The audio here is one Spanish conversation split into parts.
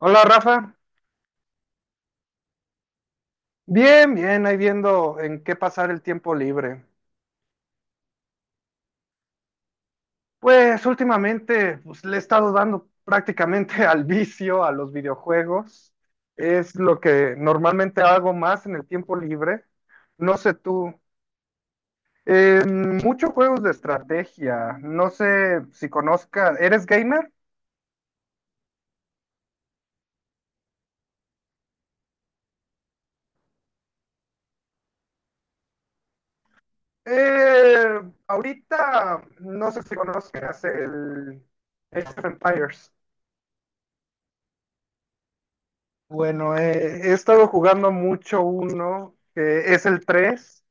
Hola Rafa, bien, bien, ahí viendo en qué pasar el tiempo libre. Pues últimamente pues, le he estado dando prácticamente al vicio, a los videojuegos. Es lo que normalmente hago más en el tiempo libre. No sé tú, muchos juegos de estrategia, no sé si conozcas, ¿eres gamer? Eh, ahorita no sé si conozcas el Age of Empires. Bueno, he estado jugando mucho uno, que es el 3.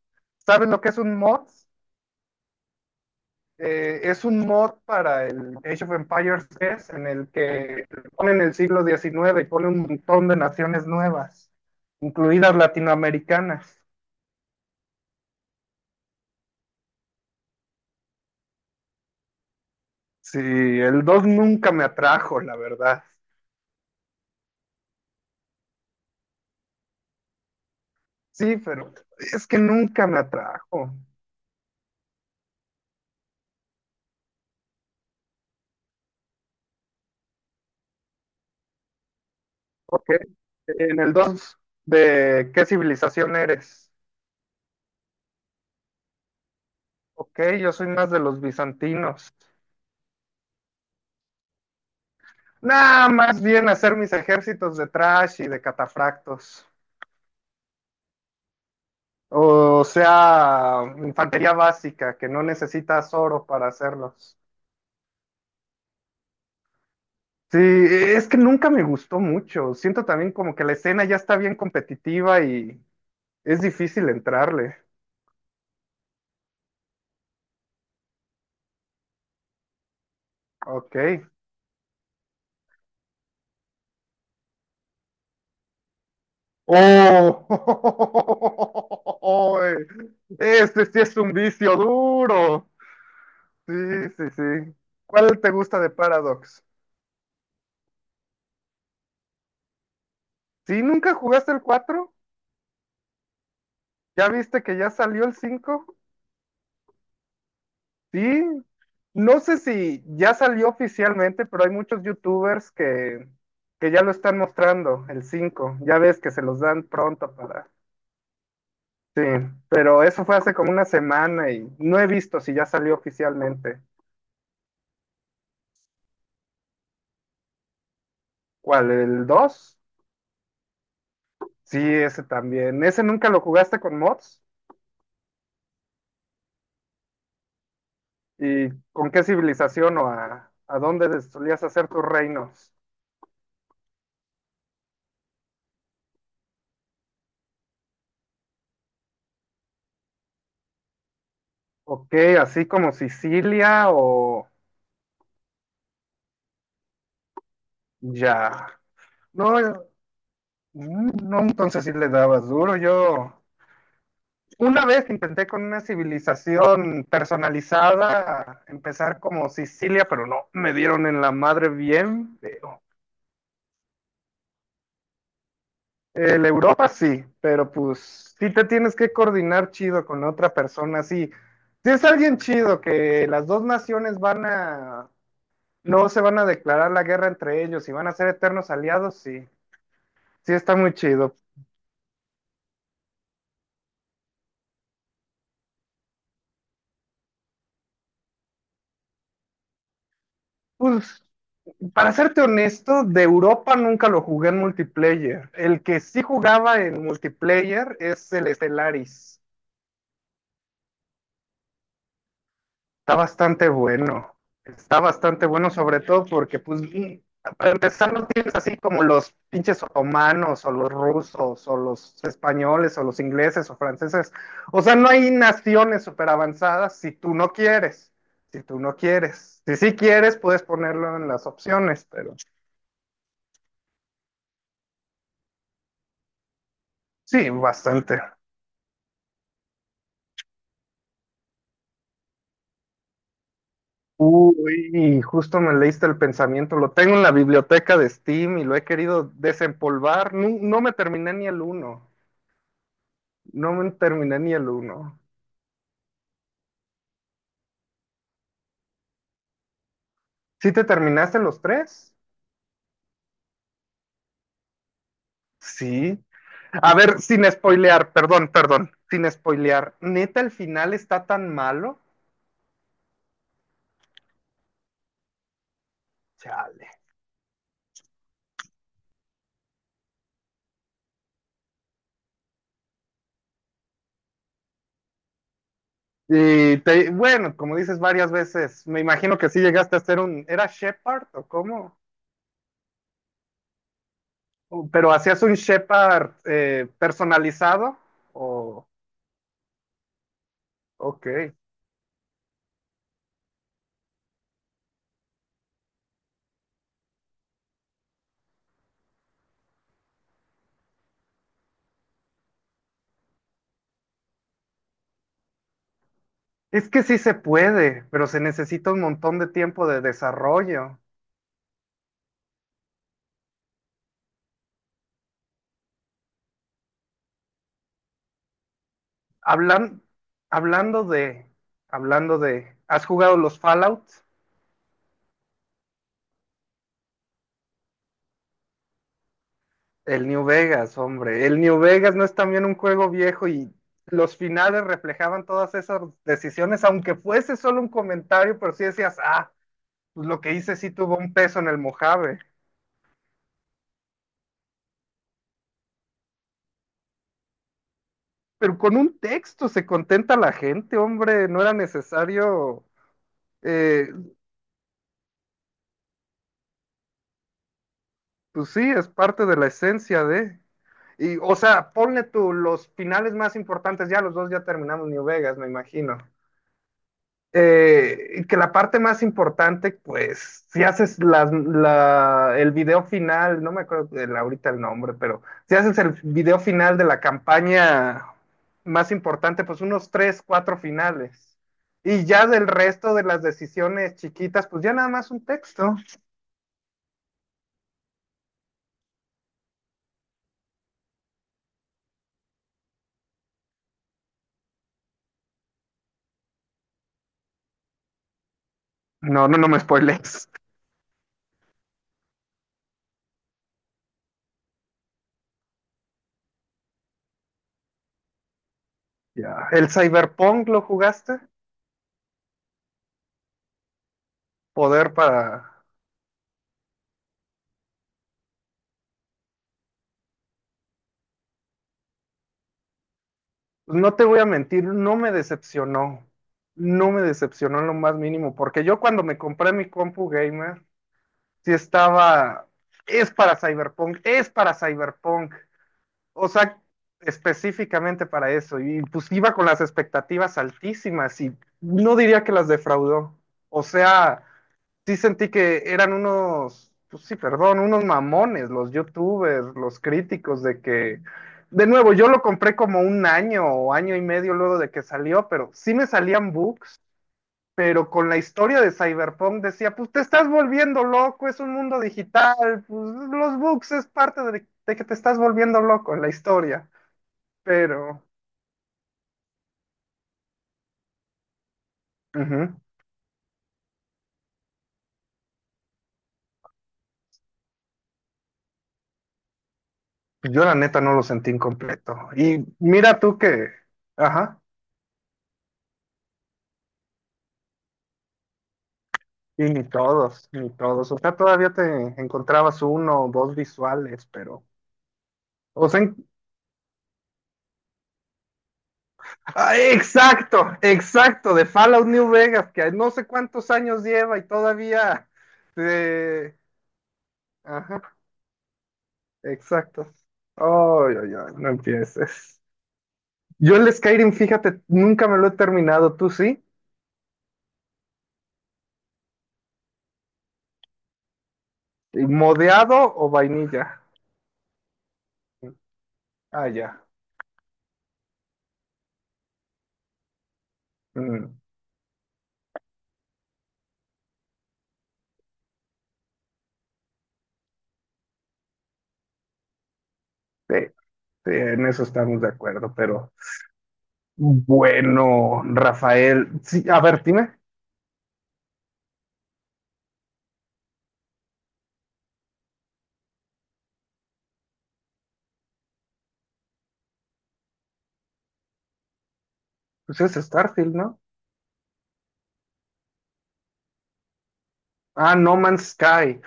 ¿Saben lo que es un mod? Es un mod para el Age of Empires 3, en el que ponen el siglo XIX y ponen un montón de naciones nuevas, incluidas latinoamericanas. Sí, el 2 nunca me atrajo, la verdad. Sí, pero es que nunca me atrajo. Ok, en el dos, ¿de qué civilización eres? Ok, yo soy más de los bizantinos. Nada, más bien hacer mis ejércitos de trash y de catafractos. O sea, infantería básica, que no necesitas oro para hacerlos. Sí, es que nunca me gustó mucho. Siento también como que la escena ya está bien competitiva y es difícil entrarle. Ok. ¡Oh! Este sí es un vicio duro. Sí, sí, sí. ¿Cuál te gusta de Paradox? ¿Sí nunca jugaste el cuatro? ¿Ya viste que ya salió el cinco? Sí. No sé si ya salió oficialmente, pero hay muchos youtubers que ya lo están mostrando, el 5. Ya ves que se los dan pronto para... Sí, pero eso fue hace como una semana y no he visto si ya salió oficialmente. ¿Cuál? ¿El dos? Sí, ese también. ¿Ese nunca lo jugaste con mods? ¿Y con qué civilización o a dónde solías hacer tus reinos? Ok, así como Sicilia o ya. No, mm, no, entonces sí le dabas duro. Yo una vez intenté con una civilización personalizada empezar como Sicilia, pero no, me dieron en la madre bien feo. El Europa sí, pero pues sí te tienes que coordinar chido con otra persona. Sí, si es alguien chido que las dos naciones van a, no se van a declarar la guerra entre ellos y van a ser eternos aliados, sí, sí está muy chido. Pues, para serte honesto, de Europa nunca lo jugué en multiplayer. El que sí jugaba en multiplayer es el Stellaris. Está bastante bueno. Está bastante bueno, sobre todo porque, pues, mm, para empezar, no tienes así como los pinches otomanos, o los rusos, o los españoles, o los ingleses, o franceses. O sea, no hay naciones súper avanzadas si tú no quieres. Si tú no quieres. Si sí quieres, puedes ponerlo en las opciones, pero sí, bastante. Uy, justo me leíste el pensamiento. Lo tengo en la biblioteca de Steam y lo he querido desempolvar. No, me terminé ni el uno. No me terminé ni el uno. ¿Sí te terminaste los tres? Sí. A ver, sin spoilear, perdón, perdón, sin spoilear. ¿Neta el final está tan malo? Chale. Bueno, como dices varias veces, me imagino que sí llegaste a hacer un, ¿era Shepard o cómo? Pero hacías un Shepard personalizado o... Ok. Es que sí se puede, pero se necesita un montón de tiempo de desarrollo. Hablan- hablando de, ¿has jugado los Fallout? El New Vegas, hombre. El New Vegas no es también un juego viejo y los finales reflejaban todas esas decisiones, aunque fuese solo un comentario, pero sí decías, ah, pues lo que hice sí tuvo un peso en el Mojave. Pero con un texto se contenta la gente, hombre. No era necesario eh, pues sí, es parte de la esencia de. Y, o sea, ponle tú los finales más importantes, ya los dos ya terminamos New Vegas, me imagino. Y que la parte más importante, pues, si haces el video final, no me acuerdo ahorita el nombre, pero si haces el video final de la campaña más importante, pues unos tres, cuatro finales. Y ya del resto de las decisiones chiquitas, pues ya nada más un texto. No, no, no me spoiles. Ya. ¿El Cyberpunk lo jugaste? Poder para... No te voy a mentir, no me decepcionó. No me decepcionó en lo más mínimo, porque yo cuando me compré mi compu gamer, sí estaba... Es para Cyberpunk, es para Cyberpunk. O sea, específicamente para eso. Y pues iba con las expectativas altísimas y no diría que las defraudó. O sea... sí sentí que eran unos, pues sí, perdón, unos mamones, los youtubers, los críticos de que, de nuevo, yo lo compré como un año o año y medio luego de que salió, pero sí me salían bugs, pero con la historia de Cyberpunk decía, pues te estás volviendo loco, es un mundo digital, pues los bugs es parte de que te estás volviendo loco en la historia, pero... ujú. Yo la neta no lo sentí incompleto. Y mira tú que... Ajá. Y ni todos, ni todos. O sea, todavía te encontrabas uno o dos visuales, pero. O sea, en- ¡Ah, exacto, exacto, de Fallout New Vegas, que no sé cuántos años lleva y todavía. eh, Ajá, exacto. Ay, ay, ay, no empieces. Yo el Skyrim, fíjate, nunca me lo he terminado, ¿tú sí? ¿Modeado o vainilla? Ah, ya. Mm, sí, sí, en eso estamos de acuerdo, pero. Bueno, Rafael, sí, a ver, dime, pues es Starfield, ¿no? Ah, No Man's Sky.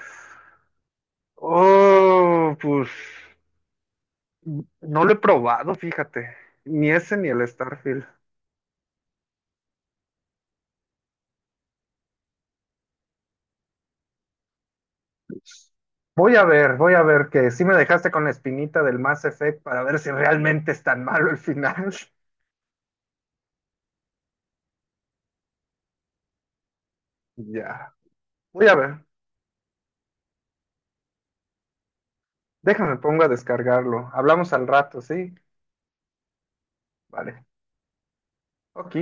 Oh, pues no lo he probado, fíjate, ni ese ni el Starfield. Voy a ver que sí me dejaste con la espinita del Mass Effect para ver si realmente es tan malo el final. Ya, voy a ver, déjame pongo a descargarlo. Hablamos al rato, ¿sí? Vale, ok.